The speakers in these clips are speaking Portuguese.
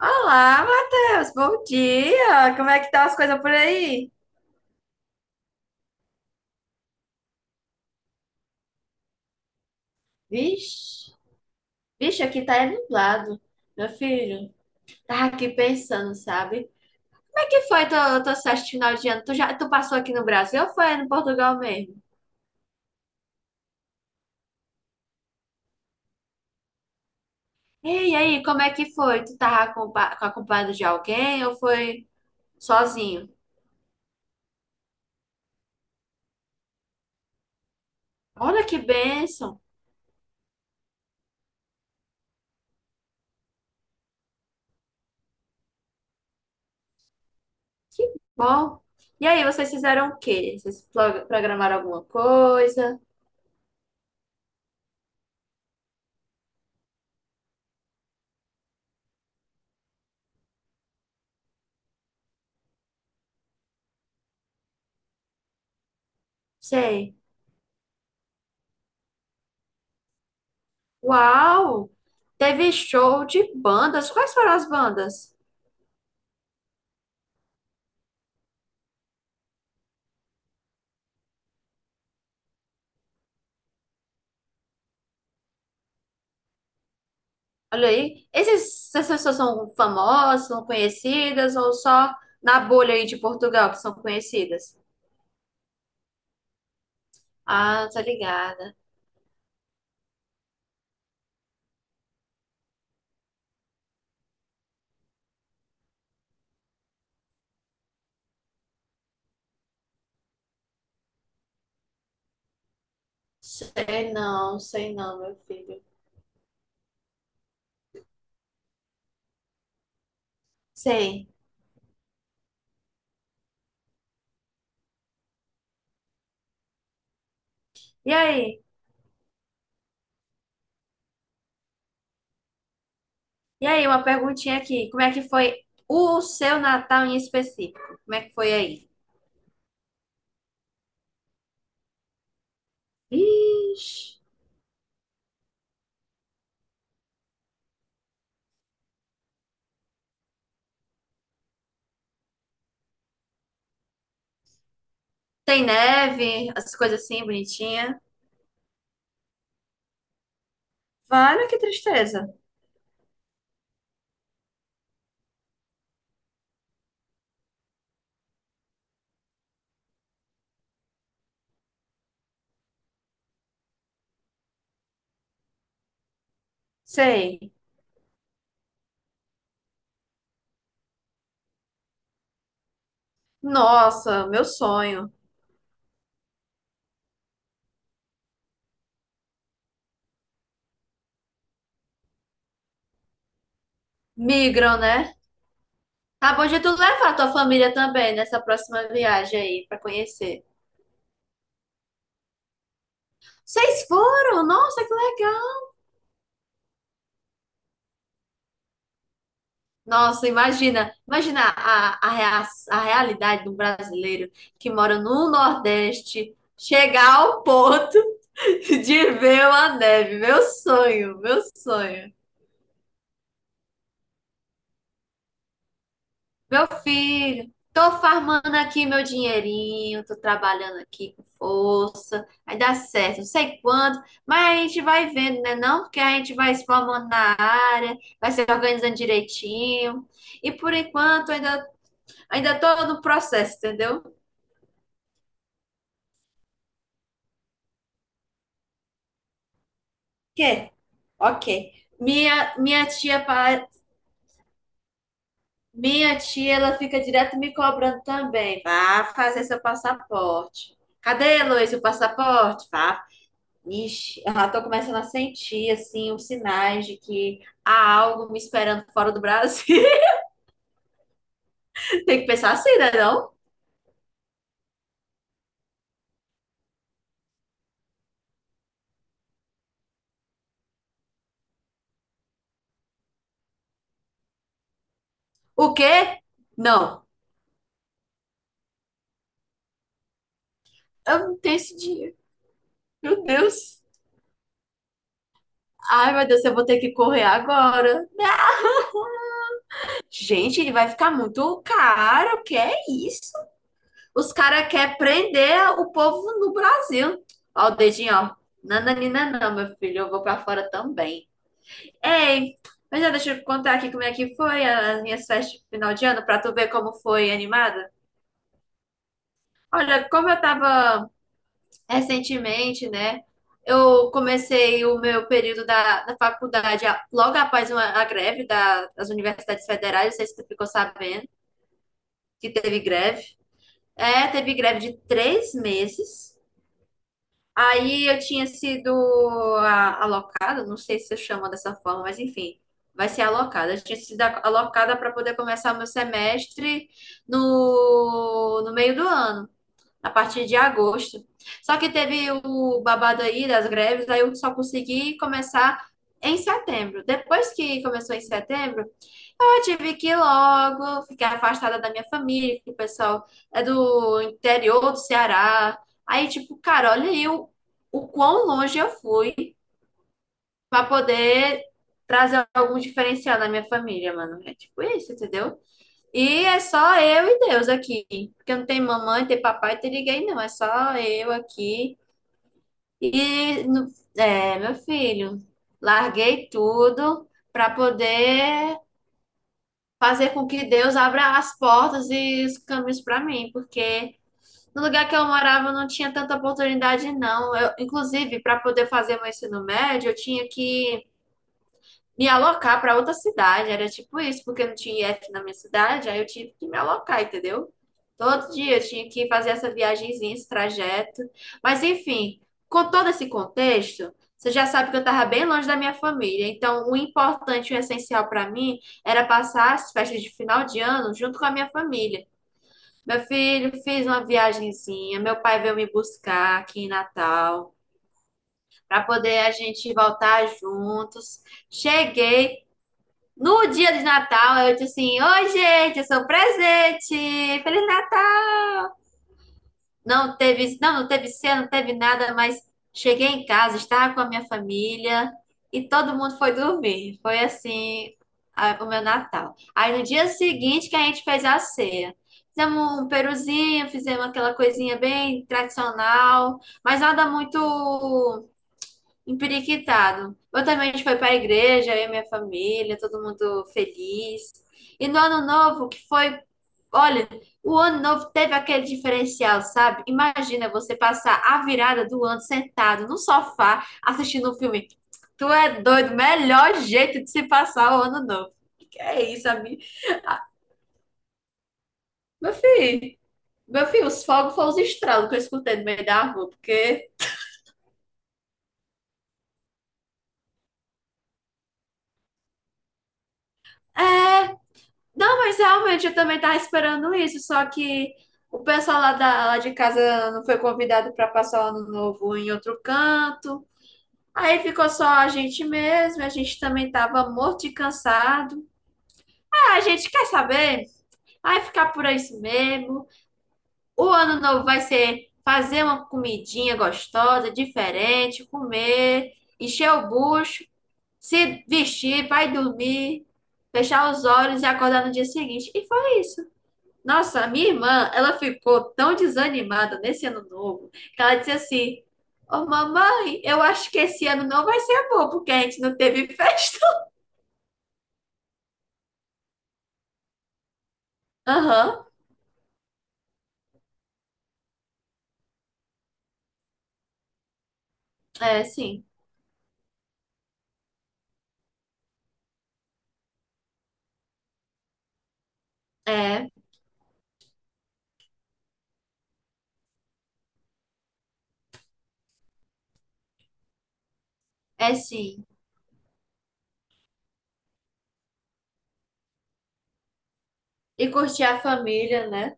Olá, Matheus, bom dia! Como é que estão as coisas por aí? Vixe, vixe, aqui tá é nublado. Meu filho, tava aqui pensando, sabe? Como é que foi tua festa de final de ano? Tu já, tu passou aqui no Brasil ou foi no Portugal mesmo? E aí, como é que foi? Tu tava acompanhado de alguém ou foi sozinho? Olha que bênção, que bom! E aí, vocês fizeram o quê? Vocês programaram alguma coisa? Sei. Uau! Teve show de bandas. Quais foram as bandas? Olha aí. Essas pessoas são famosas, são conhecidas ou só na bolha aí de Portugal que são conhecidas? Ah, tá ligada. Sei não, meu filho. Sei. E aí? E aí, uma perguntinha aqui. Como é que foi o seu Natal em específico? Como é que foi aí? Ixi. Tem neve, as coisas assim, bonitinha. Vale, que tristeza. Sei. Nossa, meu sonho. Migram, né? Tá bom de tu levar tua família também nessa próxima viagem aí pra conhecer. Vocês foram? Nossa, que legal. Nossa, imagina, imagina a realidade do brasileiro que mora no Nordeste chegar ao ponto de ver uma neve. Meu sonho, meu sonho. Meu filho, tô farmando aqui meu dinheirinho, tô trabalhando aqui com força, vai dar certo, não sei quando, mas a gente vai vendo, né? Não, porque a gente vai se formando na área, vai se organizando direitinho. E por enquanto ainda tô no processo, entendeu? Quê? Ok. Minha minha tia, ela fica direto me cobrando também. Vá fazer seu passaporte. Cadê, Luiz, o passaporte? Vá. Ixi, eu já tô começando a sentir, assim, os sinais de que há algo me esperando fora do Brasil. Tem que pensar assim, né, não? O quê? Não, eu não tenho esse dinheiro. Meu Deus. Ai, meu Deus, eu vou ter que correr agora. Gente, ele vai ficar muito caro. O que é isso? Os caras querem prender o povo no Brasil. Ó, o dedinho, ó. Nananina, não, meu filho, eu vou pra fora também. Ei, mas já deixa eu contar aqui como é que foi as minhas festas de final de ano, pra tu ver como foi animada. Olha, como eu tava recentemente, né? Eu comecei o meu período da faculdade logo após a greve das universidades federais, não sei se tu ficou sabendo que teve greve. É, teve greve de 3 meses. Aí eu tinha sido alocada, não sei se eu chamo dessa forma, mas enfim, vai ser alocada. Eu tinha sido alocada para poder começar o meu semestre no meio do ano a partir de agosto. Só que teve o babado aí das greves, aí eu só consegui começar em setembro. Depois que começou em setembro, eu tive que ir logo ficar afastada da minha família, que o pessoal é do interior do Ceará. Aí, tipo, cara, o quão longe eu fui para poder trazer algum diferencial na minha família, mano. É tipo isso, entendeu? E é só eu e Deus aqui. Porque não tem mamãe, tem papai, tem ninguém, não. É só eu aqui. E, é, meu filho, larguei tudo para poder fazer com que Deus abra as portas e os caminhos para mim. Porque no lugar que eu morava não tinha tanta oportunidade, não. Eu, inclusive, para poder fazer meu ensino médio, eu tinha que me alocar para outra cidade. Era tipo isso, porque não tinha I F na minha cidade, aí eu tive que me alocar, entendeu? Todo dia eu tinha que fazer essa viagenzinha, esse trajeto. Mas enfim, com todo esse contexto, você já sabe que eu estava bem longe da minha família. Então, o importante, e o essencial para mim era passar as festas de final de ano junto com a minha família. Meu filho fez uma viagenzinha, meu pai veio me buscar aqui em Natal para poder a gente voltar juntos. Cheguei, no dia de Natal, eu disse assim: "Oi, gente, eu sou o presente! Feliz Natal!" Não teve cena, não teve nada, mas cheguei em casa, estava com a minha família e todo mundo foi dormir. Foi assim o meu Natal. Aí no dia seguinte que a gente fez a ceia. Fizemos um peruzinho, fizemos aquela coisinha bem tradicional, mas nada muito empiriquitado. Eu também, a gente foi para a igreja, eu e minha família, todo mundo feliz. E no ano novo, que foi. Olha, o ano novo teve aquele diferencial, sabe? Imagina você passar a virada do ano sentado no sofá, assistindo um filme. Tu é doido, melhor jeito de se passar o ano novo. Que é isso, amigo? Meu filho, meu filho, os fogos foram os estralos que eu escutei no meio da rua, porque. É. Não, mas realmente eu também tava esperando isso, só que o pessoal lá de casa não foi convidado para passar o ano novo em outro canto. Aí ficou só a gente mesmo, a gente também tava morto de cansado. Ah, a gente quer saber? Vai ficar por isso mesmo. O ano novo vai ser fazer uma comidinha gostosa, diferente, comer, encher o bucho, se vestir, vai dormir, fechar os olhos e acordar no dia seguinte. E foi isso. Nossa, a minha irmã, ela ficou tão desanimada nesse ano novo que ela disse assim: "Ô mamãe, eu acho que esse ano não vai ser bom porque a gente não teve festa." Aham, é sim, é, é sim. E curtir a família, né?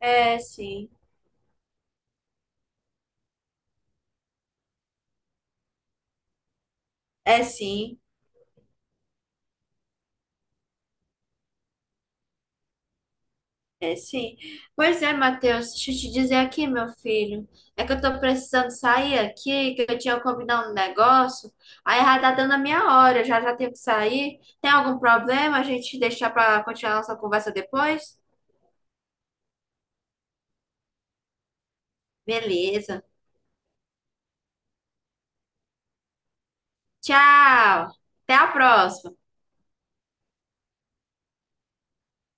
É sim, é sim. É, sim. Pois é, Matheus, deixa eu te dizer aqui, meu filho. É que eu tô precisando sair aqui, que eu tinha combinado um negócio. Aí já tá dando a minha hora, já tenho que sair. Tem algum problema a gente deixar pra continuar nossa conversa depois? Beleza. Tchau. Até a próxima.